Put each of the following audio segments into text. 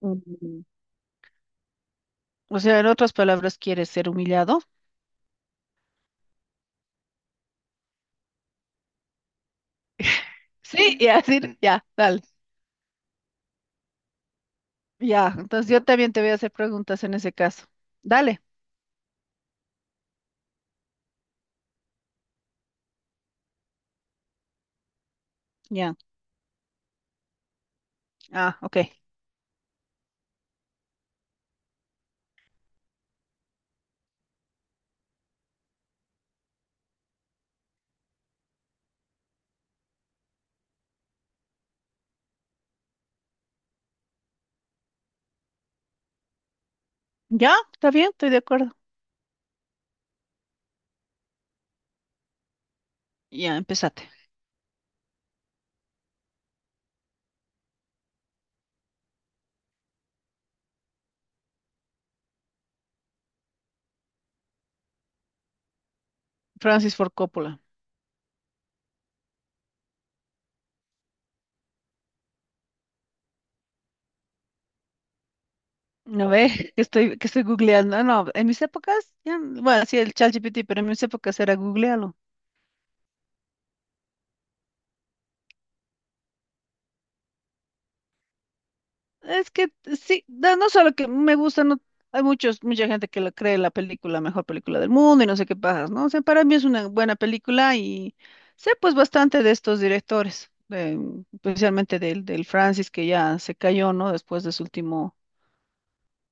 Mm, O sea, en otras palabras, ¿quieres ser humillado? Sí, y así, ya, dale. Ya, entonces yo también te voy a hacer preguntas en ese caso. Dale, ya. Ah, ok. Ya, está bien, estoy de acuerdo. Ya, empezate. Francis Ford Coppola. A ver, que estoy googleando. Ah, no, en mis épocas, ya, bueno, sí, el ChatGPT, pero en mis épocas era googlealo. Es que sí, no solo que me gusta, no, hay muchos, mucha gente que la cree la película mejor película del mundo y no sé qué pajas, ¿no? O sea, para mí es una buena película y sé pues bastante de estos directores, especialmente del Francis que ya se cayó, ¿no? Después de su último,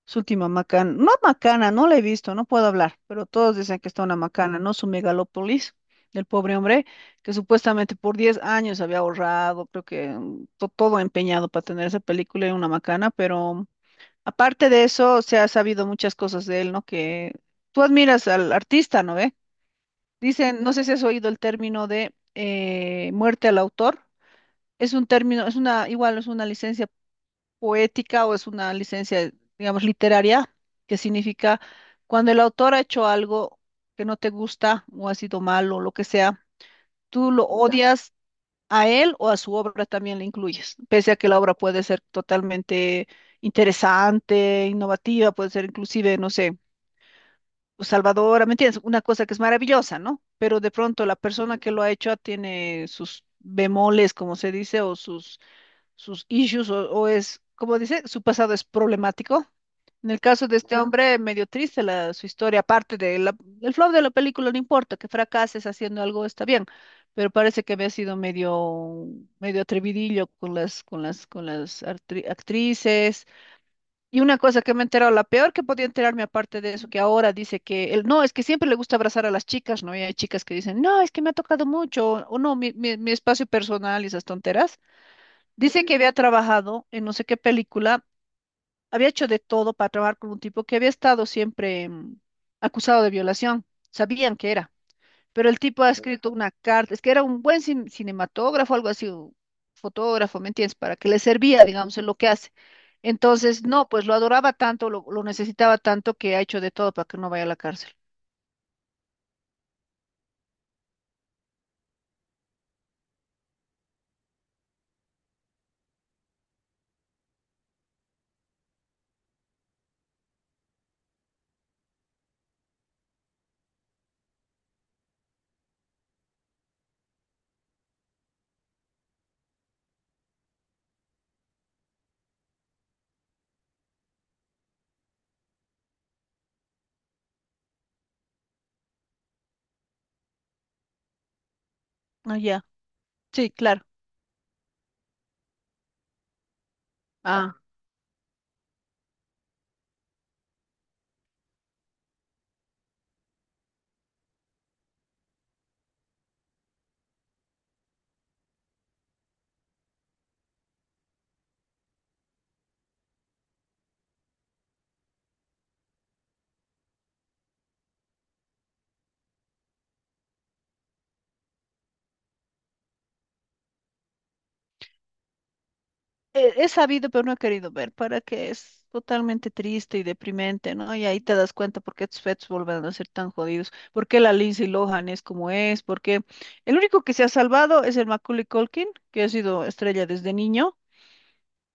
su última macana, no la he visto, no puedo hablar, pero todos dicen que está una macana, ¿no? Su megalópolis. Del pobre hombre, que supuestamente por 10 años había ahorrado, creo que todo empeñado para tener esa película y una macana, pero aparte de eso, se ha sabido muchas cosas de él, ¿no? Que tú admiras al artista, ¿no ve? Dicen, no sé si has oído el término de muerte al autor. Es un término, es una, igual es una licencia poética o es una licencia, digamos, literaria, que significa cuando el autor ha hecho algo que no te gusta o ha sido malo o lo que sea, tú lo odias, a él o a su obra también le incluyes, pese a que la obra puede ser totalmente interesante, innovativa, puede ser inclusive, no sé, salvadora, ¿me entiendes? Una cosa que es maravillosa, ¿no? Pero de pronto la persona que lo ha hecho tiene sus bemoles, como se dice, o sus issues o es, como dice, su pasado es problemático. En el caso de este Ujú. Hombre, medio triste la, su historia, aparte del flop de la película, no importa, que fracases haciendo algo está bien, pero parece que había sido medio, medio atrevidillo con las, actrices. Y una cosa que me he enterado, la peor que podía enterarme aparte de eso, que ahora dice que él, no, es que siempre le gusta abrazar a las chicas, ¿no? Y hay chicas que dicen, no, es que me ha tocado mucho, o no, mi espacio personal y esas tonteras. Dice que había trabajado en no sé qué película, había hecho de todo para trabajar con un tipo que había estado siempre acusado de violación. Sabían que era, pero el tipo ha escrito una carta, es que era un buen cinematógrafo, algo así, o fotógrafo, ¿me entiendes? Para que le servía, digamos, en lo que hace. Entonces, no, pues lo adoraba tanto, lo necesitaba tanto que ha hecho de todo para que no vaya a la cárcel. Ah, ya. Sí, claro. Ah. He sabido, pero no he querido ver, para que es totalmente triste y deprimente, ¿no? Y ahí te das cuenta por qué tus fetos vuelven a ser tan jodidos, por qué la Lindsay Lohan es como es, porque el único que se ha salvado es el Macaulay Culkin, que ha sido estrella desde niño,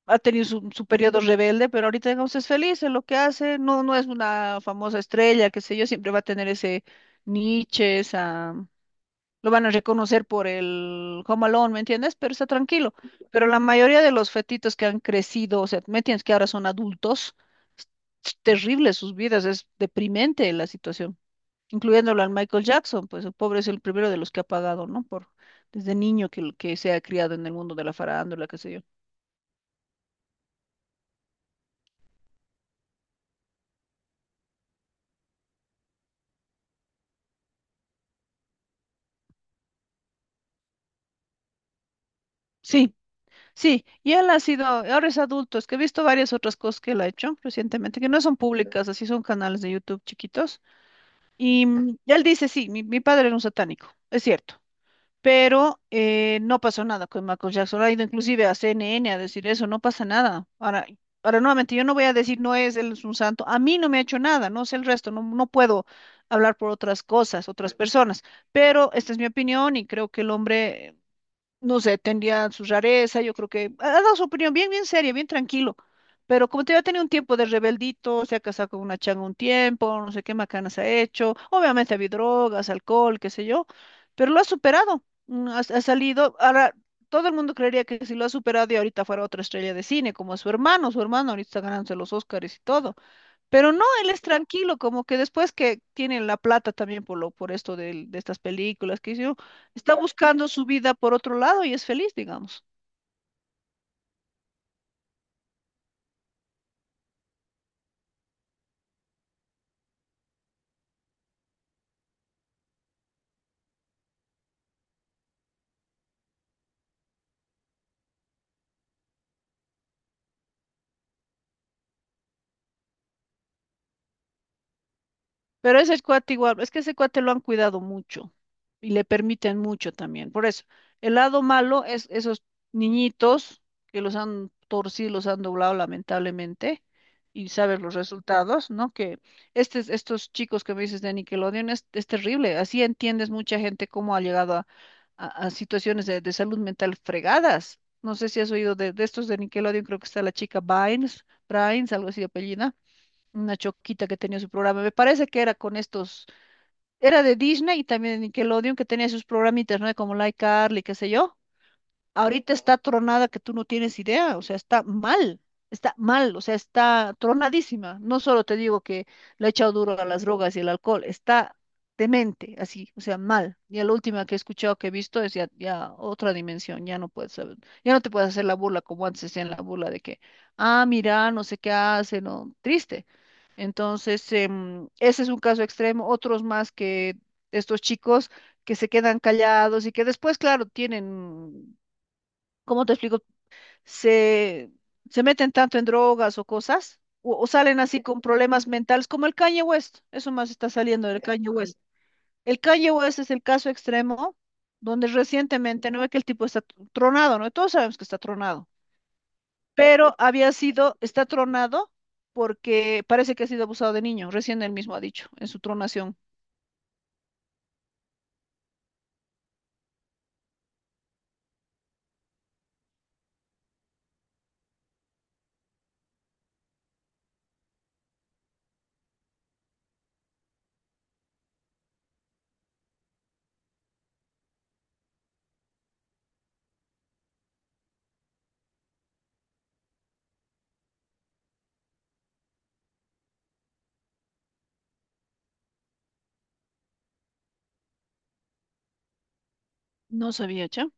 ha tenido su periodo rebelde, pero ahorita, digamos, es feliz en lo que hace, no, no es una famosa estrella, qué sé yo, siempre va a tener ese niche, esa lo van a reconocer por el Home Alone, ¿me entiendes? Pero está tranquilo. Pero la mayoría de los fetitos que han crecido, o sea, ¿me entiendes? Que ahora son adultos, es terrible sus vidas, es deprimente la situación, incluyéndolo al Michael Jackson, pues el pobre es el primero de los que ha pagado, ¿no? Por, desde niño que se ha criado en el mundo de la farándula, qué sé yo. Sí, sí, y él ha sido, ahora es adulto, es que he visto varias otras cosas que él ha hecho recientemente, que no son públicas, así son canales de YouTube chiquitos. Y él dice, sí, mi padre era un satánico, es cierto, pero no pasó nada con Michael Jackson. Ha ido inclusive a CNN a decir eso, no pasa nada. Ahora, ahora nuevamente, yo no voy a decir, no es, él es un santo. A mí no me ha hecho nada, no sé el resto, no, no puedo hablar por otras cosas, otras personas, pero esta es mi opinión y creo que el hombre no sé, tendría su rareza, yo creo que ha dado su opinión bien, bien seria, bien tranquilo. Pero como te digo, ha tenido un tiempo de rebeldito, se ha casado con una changa un tiempo, no sé qué macanas ha hecho. Obviamente ha habido drogas, alcohol, qué sé yo, pero lo ha superado, ha salido. Ahora, todo el mundo creería que si lo ha superado y ahorita fuera otra estrella de cine, como su hermano ahorita está ganándose los Oscars y todo. Pero no, él es tranquilo, como que después que tienen la plata también por lo, por esto estas películas que hizo, está buscando su vida por otro lado y es feliz, digamos. Pero ese cuate igual, es que ese cuate lo han cuidado mucho y le permiten mucho también. Por eso, el lado malo es esos niñitos que los han torcido, los han doblado lamentablemente y sabes los resultados, ¿no? Que estos chicos que me dices de Nickelodeon es, terrible. Así entiendes mucha gente cómo ha llegado a, situaciones de salud mental fregadas. No sé si has oído de estos de Nickelodeon, creo que está la chica Bynes, Bynes, algo así de apellido una choquita que tenía su programa. Me parece que era con estos, era de Disney y también de Nickelodeon que tenía sus programitas, ¿no? Como Like Carly, qué sé yo. Ahorita está tronada que tú no tienes idea, o sea, está mal, o sea, está tronadísima. No solo te digo que le he echado duro a las drogas y el alcohol, está demente, así, o sea, mal. Y la última que he escuchado, que he visto, es ya, ya otra dimensión, ya no puedes saber, ya no te puedes hacer la burla como antes hacían la burla de que, ah, mira, no sé qué hace, no, triste. Entonces, ese es un caso extremo, otros más que estos chicos que se quedan callados y que después, claro, tienen ¿cómo te explico? Se, se meten tanto en drogas o cosas, o salen así con problemas mentales, como el Kanye West, eso más está saliendo del Kanye West. El Kanye West es el caso extremo donde recientemente, no ve que el tipo está tronado, ¿no? Todos sabemos que está tronado, pero había sido, está tronado porque parece que ha sido abusado de niño, recién él mismo ha dicho en su tronación. No sabía, ¿che?